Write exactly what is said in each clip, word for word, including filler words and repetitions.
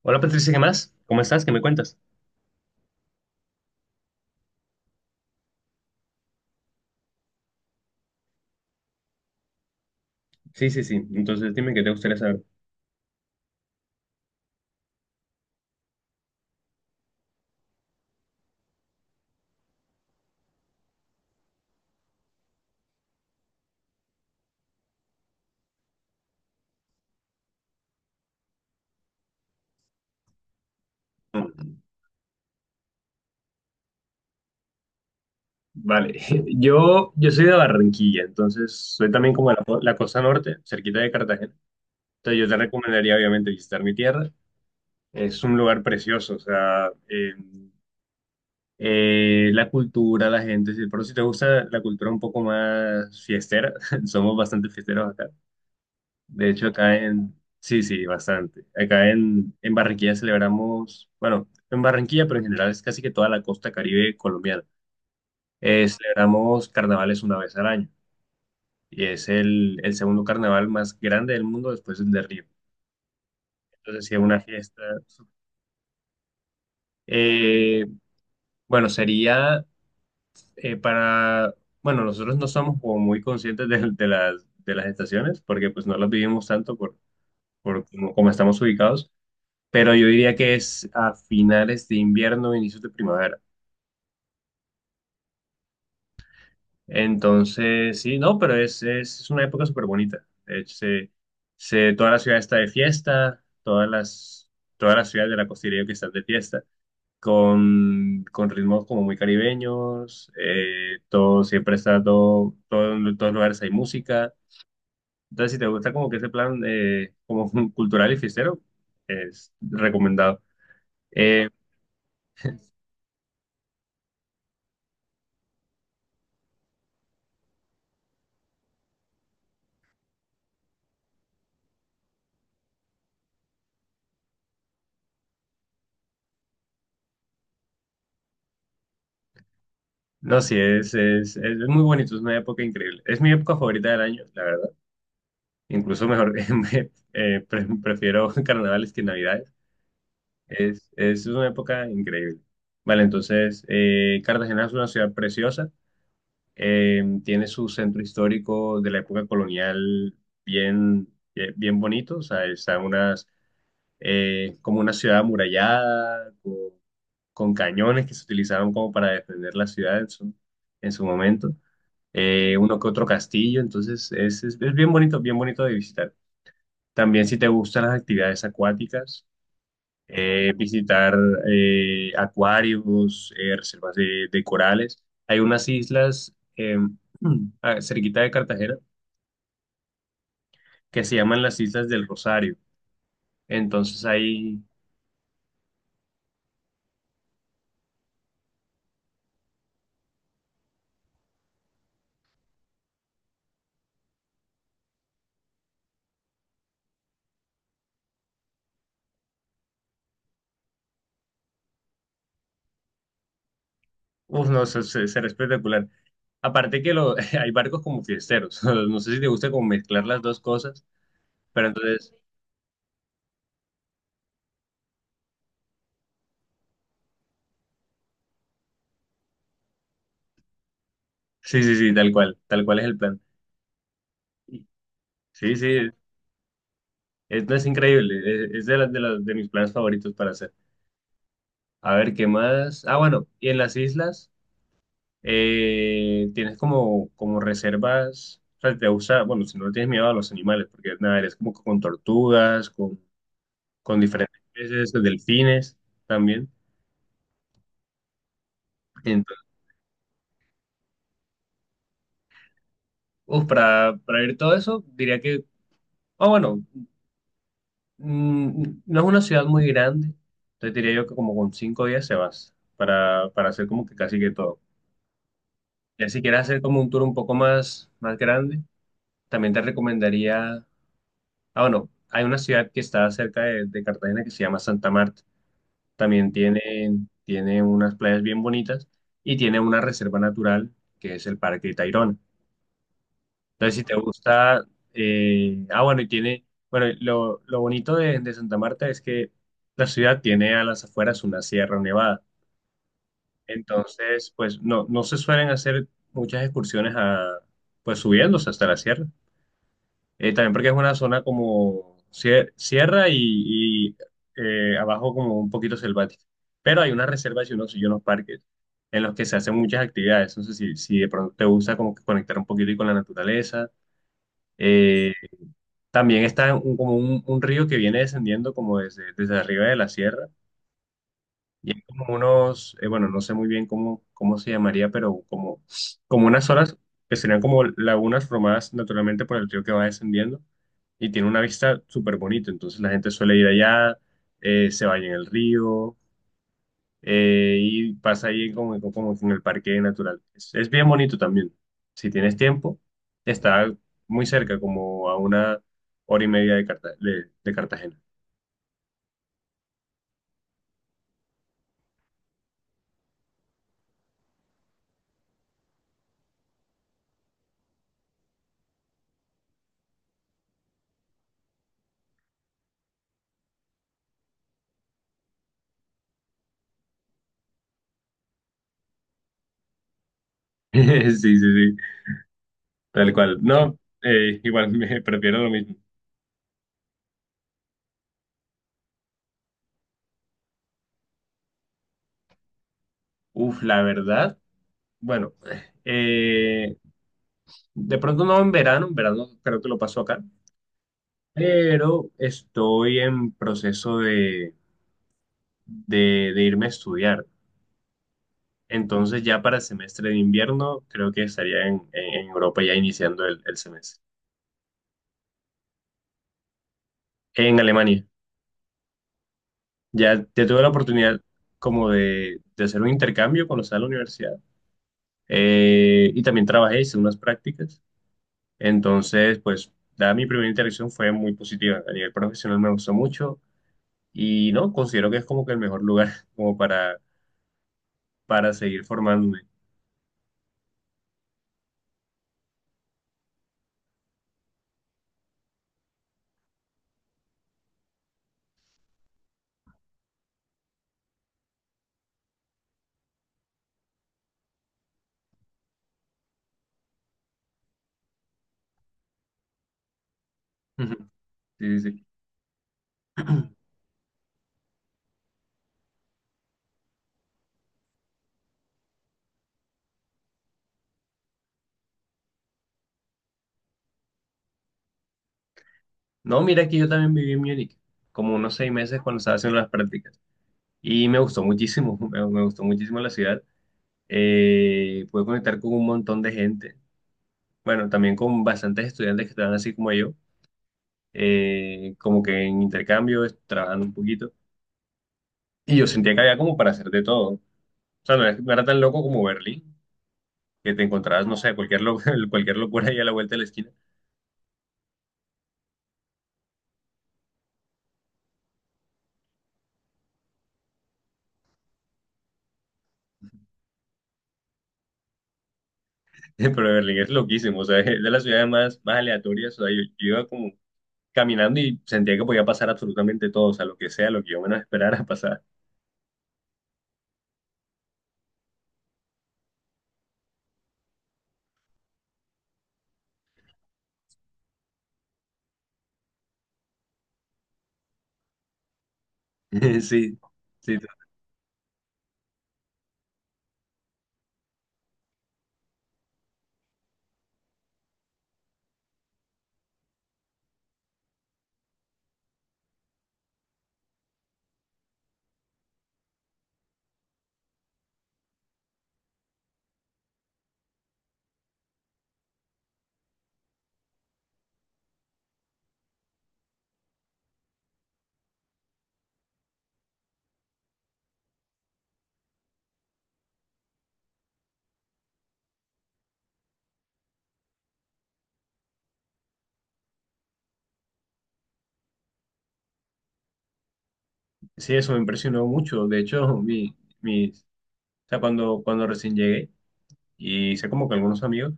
Hola, Patricia, ¿qué más? ¿Cómo estás? ¿Qué me cuentas? Sí, sí, sí. Entonces dime qué te gustaría saber. Vale. yo, yo soy de Barranquilla, entonces soy también como de la, la costa norte, cerquita de Cartagena. Entonces yo te recomendaría obviamente visitar mi tierra. Es un lugar precioso, o sea, eh, eh, la cultura, la gente, sí, pero si te gusta la cultura un poco más fiestera, somos bastante fiesteros acá. De hecho, acá en, sí, sí, bastante. Acá en, en Barranquilla celebramos, bueno, en Barranquilla, pero en general es casi que toda la costa Caribe colombiana. Eh, celebramos carnavales una vez al año y es el, el segundo carnaval más grande del mundo después del de Río. Entonces, sí, es una fiesta. Eh, bueno, sería eh, para, bueno, nosotros no somos como muy conscientes de, de las, de las estaciones porque pues no las vivimos tanto por, por como como estamos ubicados. Pero yo diría que es a finales de invierno, inicios de primavera. Entonces, sí, no, pero es, es, es una época súper bonita. De hecho, se, se- toda la ciudad está de fiesta, todas las, todas las ciudades de la costería que están de fiesta, con, con ritmos como muy caribeños, eh, todo, siempre está todo, todo, en todos los lugares hay música. Entonces, si te gusta como que ese plan eh, como cultural y fiestero, es recomendado. Eh, No, sí, es, es, es muy bonito, es una época increíble. Es mi época favorita del año, la verdad. Incluso mejor, me- eh, pre- prefiero carnavales que navidades. Es, es una época increíble. Vale, entonces, eh, Cartagena es una ciudad preciosa. Eh, tiene su centro histórico de la época colonial bien, bien, bien bonito. O sea, está unas, eh, como una ciudad amurallada, con, con cañones que se utilizaban como para defender la ciudad en su, en su momento, eh, uno que otro castillo, entonces es, es, es bien bonito, bien bonito de visitar. También si te gustan las actividades acuáticas, eh, visitar eh, acuarios, eh, reservas de, de corales. Hay unas islas eh, ah, cerquita de Cartagena que se llaman las Islas del Rosario. Entonces ahí, uff, no, se, se, será espectacular. Aparte que lo, hay barcos como fiesteros. No sé si te gusta como mezclar las dos cosas, pero entonces, sí, sí, sí, tal cual, tal cual es el plan. Sí, sí, es, no, es increíble, es, es de, las de, las- de mis planes favoritos para hacer. A ver, ¿qué más? Ah, bueno, y en las islas eh, tienes como, como reservas, o sea, te gusta, bueno, si no le tienes miedo a los animales, porque nada, eres como con tortugas, con, con diferentes peces, delfines también. Entonces, uf, para, para ver todo eso, diría que, ah, bueno, mm, no es una ciudad muy grande, entonces diría yo que como con cinco días se vas para, para hacer como que casi que todo. Ya si quieres hacer como un tour un poco más, más grande, también te recomendaría, ah, bueno, hay una ciudad que está cerca de, de Cartagena que se llama Santa Marta. También tiene, tiene unas playas bien bonitas y tiene una reserva natural que es el Parque Tayrona. Entonces, si te gusta, eh, ah, bueno, y tiene, bueno, lo, lo bonito de, de Santa Marta es que la ciudad tiene a las afueras una sierra nevada. Entonces, pues no, no se suelen hacer muchas excursiones a, pues subiéndose hasta la sierra. Eh, también porque es una zona como cier- sierra y, y, eh, abajo como un poquito selvática. Pero hay unas reservas y unos, y unos parques en los que se hacen muchas actividades. Entonces, si, si de pronto te gusta como que conectar un poquito y con la naturaleza. eh, También está un- como un, un río que viene descendiendo como desde, desde arriba de la sierra y hay como unos, eh, bueno, no sé muy bien cómo, cómo se llamaría, pero como, como unas horas que serían como lagunas formadas naturalmente por el río que va descendiendo y tiene una vista súper bonita. Entonces la gente suele ir allá, eh, se baña en el río, eh, y pasa ahí como, como en el parque natural. Es, es bien bonito también. Si tienes tiempo, está muy cerca, como a una hora y media de, Carta- de de Cartagena. Sí, sí, sí. Tal cual. No, eh, igual me prefiero lo mismo. Uf, la verdad. Bueno, eh, de pronto no en verano, en verano creo que lo paso acá, pero estoy en proceso de, de, de irme a estudiar. Entonces ya para el semestre de invierno creo que estaría en, en- en Europa ya iniciando el, el semestre. En Alemania. Ya, ya tuve la oportunidad como de, de hacer un intercambio cuando estaba en la universidad. Eh, y también trabajé, hice unas prácticas. Entonces, pues, dada mi primera interacción fue muy positiva. A nivel profesional me gustó mucho y no, considero que es como que el mejor lugar como para, para seguir formándome. Ujú. Sí, sí, sí. No, mira que yo también viví en Múnich, como unos seis meses cuando estaba haciendo las prácticas y me gustó muchísimo, me, me gustó muchísimo la ciudad. Eh, pude conectar con un montón de gente, bueno, también con bastantes estudiantes que estaban así como yo, eh, como que en intercambio, es- trabajando un poquito. Y yo sentía que había como para hacer de todo. O sea, no es- no era tan loco como Berlín, que te encontrabas, no sé, cualquier, lo- cualquier locura ahí a la vuelta de la esquina. Pero Berlín es loquísimo, o sea, es de las ciudades más, más aleatorias. O sea, yo, yo iba como caminando y sentía que podía pasar absolutamente todo, o sea, lo que sea, lo que yo menos esperara pasar. Sí, sí, sí, eso me impresionó mucho. De hecho, mi, mi, o sea, cuando, cuando recién llegué y hice como que algunos amigos,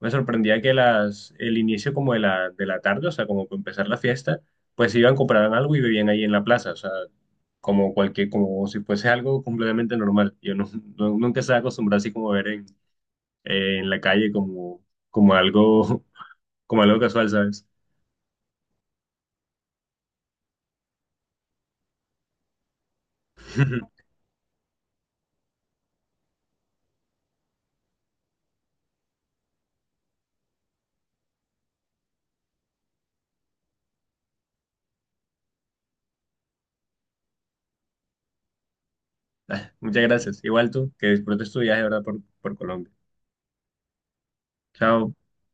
me sorprendía que las, el inicio como de la, de la tarde, o sea, como para empezar la fiesta, pues iban, compraban algo y bebían ahí en la plaza, o sea, como cualquier, como si fuese algo completamente normal. Yo no, no- nunca estaba acostumbrado así como a ver en, en la calle como, como algo, como algo casual, ¿sabes? Muchas gracias. Igual tú, que disfrutes tu viaje, ¿verdad? Por, por Colombia. Chao.